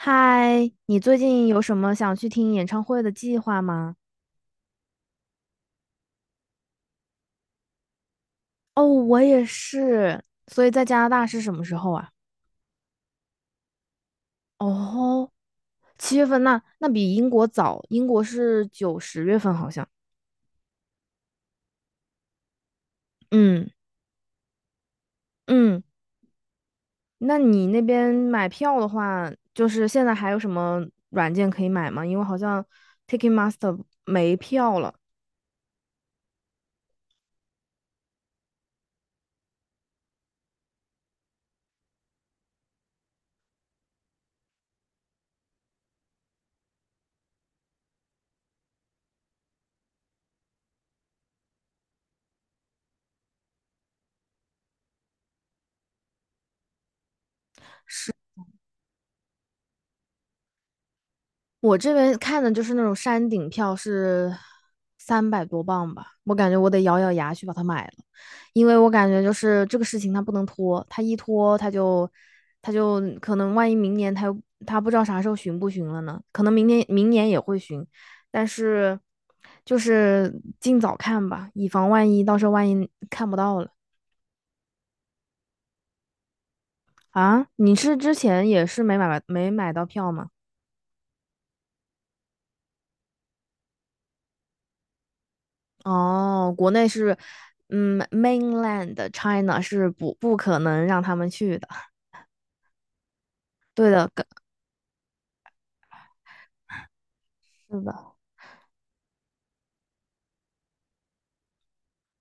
嗨，你最近有什么想去听演唱会的计划吗？哦，我也是。所以在加拿大是什么时候啊？哦，七月份那比英国早，英国是九十月份好像。嗯嗯，那你那边买票的话，就是现在还有什么软件可以买吗？因为好像 Ticketmaster 没票了。我这边看的就是那种山顶票是三百多磅吧，我感觉我得咬咬牙去把它买了，因为我感觉就是这个事情它不能拖，它一拖它就可能万一明年它不知道啥时候巡不巡了呢，可能明年也会巡，但是就是尽早看吧，以防万一，到时候万一看不到了。啊！你是之前也是没买到票吗？哦，国内是，嗯，mainland China 是不可能让他们去的。对的，跟是的，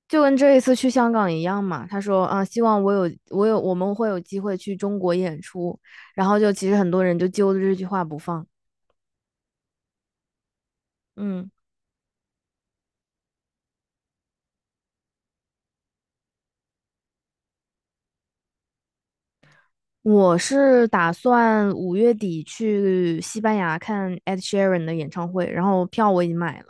就跟这一次去香港一样嘛。他说啊，希望我们会有机会去中国演出，然后就其实很多人就揪着这句话不放。嗯，我是打算五月底去西班牙看 Ed Sheeran 的演唱会，然后票我已经买了，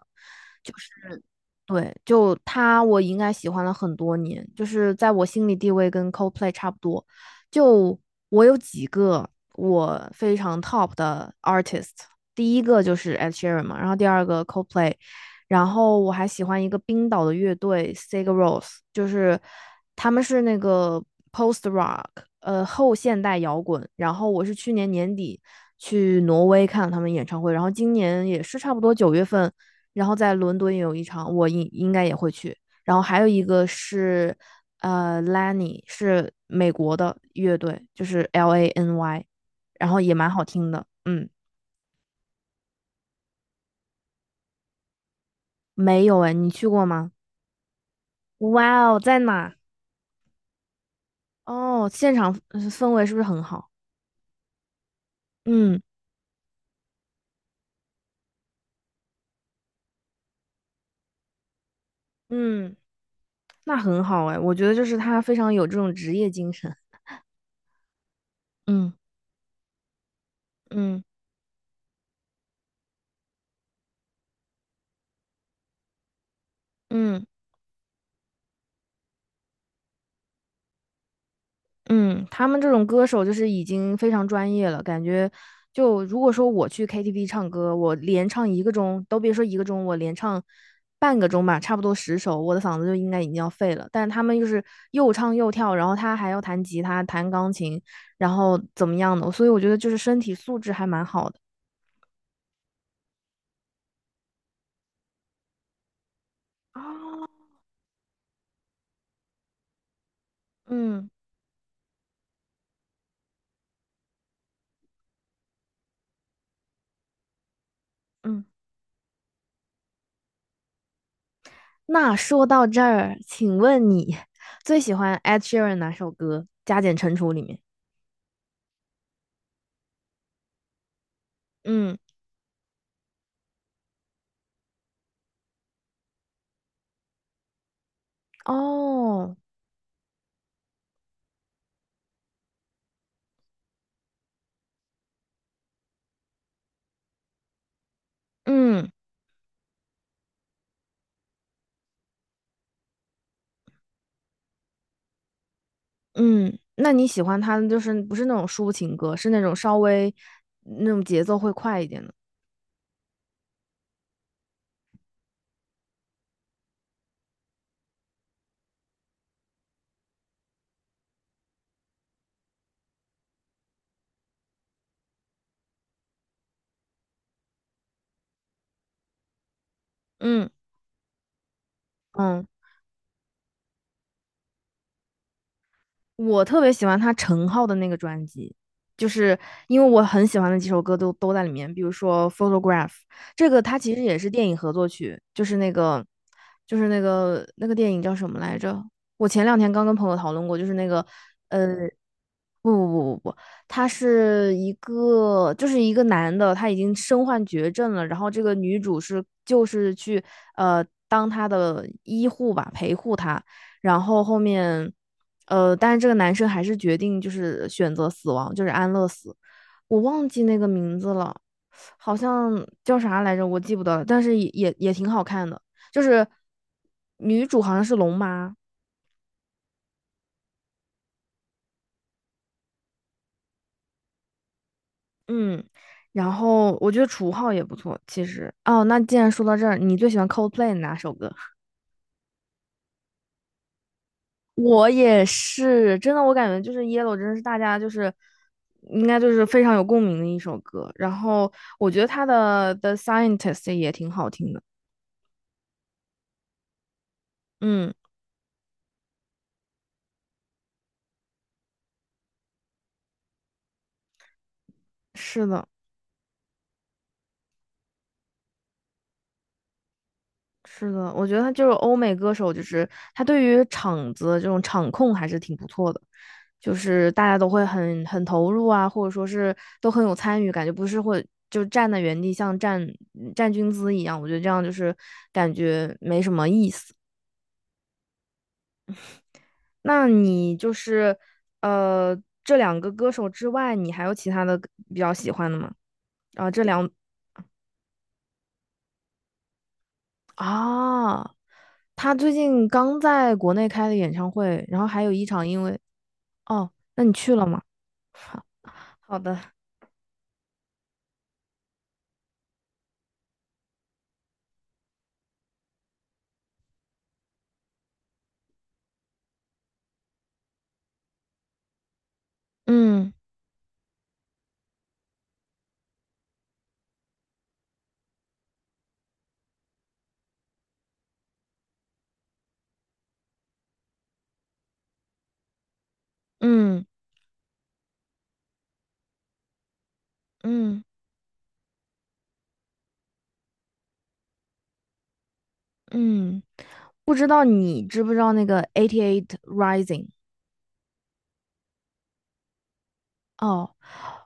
对，就他，我应该喜欢了很多年，就是在我心里地位跟 Coldplay 差不多。就我有几个我非常 top 的 artist,第一个就是 Ed Sheeran 嘛，然后第二个 Coldplay,然后我还喜欢一个冰岛的乐队 Sigur Rós,就是他们是那个 post rock,后现代摇滚。然后我是去年年底去挪威看了他们演唱会，然后今年也是差不多九月份。然后在伦敦也有一场，我应该也会去。然后还有一个是，Lany 是美国的乐队，就是 L A N Y,然后也蛮好听的。嗯，没有哎，你去过吗？哇哦，在哪？哦，现场氛围是不是很好？嗯嗯，那很好哎，我觉得就是他非常有这种职业精神。嗯嗯嗯。嗯，他们这种歌手就是已经非常专业了，感觉就如果说我去 KTV 唱歌，我连唱一个钟，都别说一个钟，我连唱半个钟吧，差不多十首，我的嗓子就应该已经要废了。但是他们就是又唱又跳，然后他还要弹吉他、弹钢琴，然后怎么样的，所以我觉得就是身体素质还蛮好的。啊，嗯嗯，那说到这儿，请问你最喜欢 Ed Sheeran 哪首歌？加减乘除里面。嗯，哦，嗯。嗯，那你喜欢他的就是不是那种抒情歌，是那种稍微那种节奏会快一点的。嗯嗯，我特别喜欢他陈浩的那个专辑，就是因为我很喜欢的几首歌都在里面，比如说《Photograph》,这个它其实也是电影合作曲，那个电影叫什么来着？我前两天刚跟朋友讨论过，就是那个呃不不不不不，他是一个，就是一个男的，他已经身患绝症了。然后这个女主是就是去呃当他的医护吧，陪护他。然后后面，但是这个男生还是决定就是选择死亡，就是安乐死。我忘记那个名字了，好像叫啥来着，我记不得了。但是也挺好看的，就是女主好像是龙妈，嗯，然后我觉得楚浩也不错，其实。哦，那既然说到这儿，你最喜欢 Coldplay 哪首歌？我也是，真的，我感觉就是 Yellow 真的是大家就是应该就是非常有共鸣的一首歌。然后我觉得他的 The Scientist 也挺好听的。嗯，是的。是的，我觉得他就是欧美歌手，就是他对于场子这种场控还是挺不错的，就是大家都会很投入啊，或者说是都很有参与，感觉不是会就站在原地像站军姿一样，我觉得这样就是感觉没什么意思。那你就是呃这两个歌手之外，你还有其他的比较喜欢的吗？啊，这两啊，他最近刚在国内开的演唱会，然后还有一场因为。哦，那你去了吗？好，好的，嗯嗯嗯嗯，不知道你知不知道那个 Eighty Eight Rising?哦，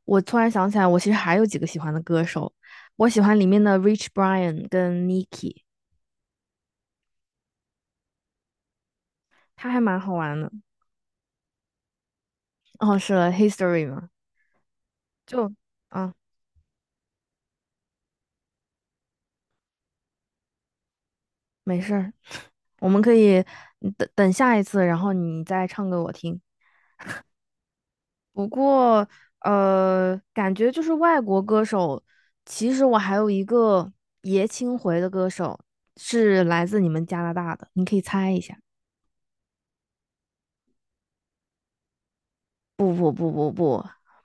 我突然想起来，我其实还有几个喜欢的歌手，我喜欢里面的 Rich Brian 跟 Nicki,他还蛮好玩的。哦，是 History 嘛，就啊，没事儿，我们可以等等下一次，然后你再唱给我听。不过，感觉就是外国歌手，其实我还有一个爷青回的歌手是来自你们加拿大的，你可以猜一下。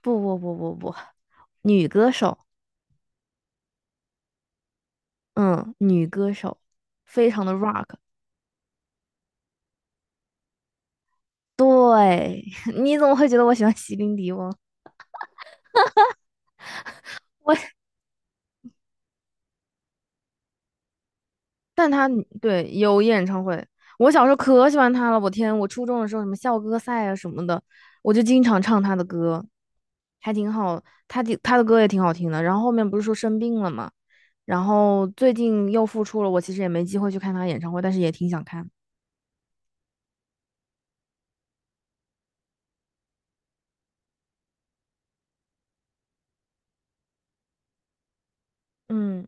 不不不不不 女歌手，嗯，女歌手，非常的 rock。对，你怎么会觉得我喜欢席琳迪翁？但他对有演唱会，我小时候可喜欢他了。我天，我初中的时候什么校歌赛啊什么的，我就经常唱他的歌，还挺好。他的歌也挺好听的。然后后面不是说生病了嘛，然后最近又复出了。我其实也没机会去看他演唱会，但是也挺想看。嗯，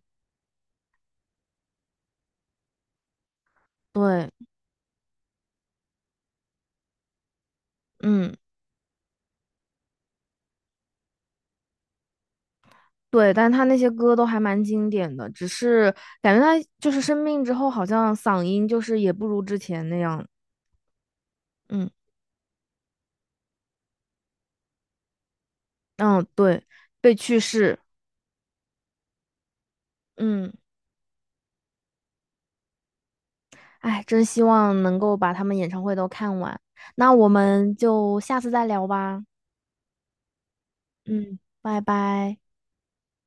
对，嗯，对，但他那些歌都还蛮经典的，只是感觉他就是生病之后，好像嗓音就是也不如之前那样。嗯嗯，对，被去世。嗯。哎，真希望能够把他们演唱会都看完。那我们就下次再聊吧。嗯，拜拜。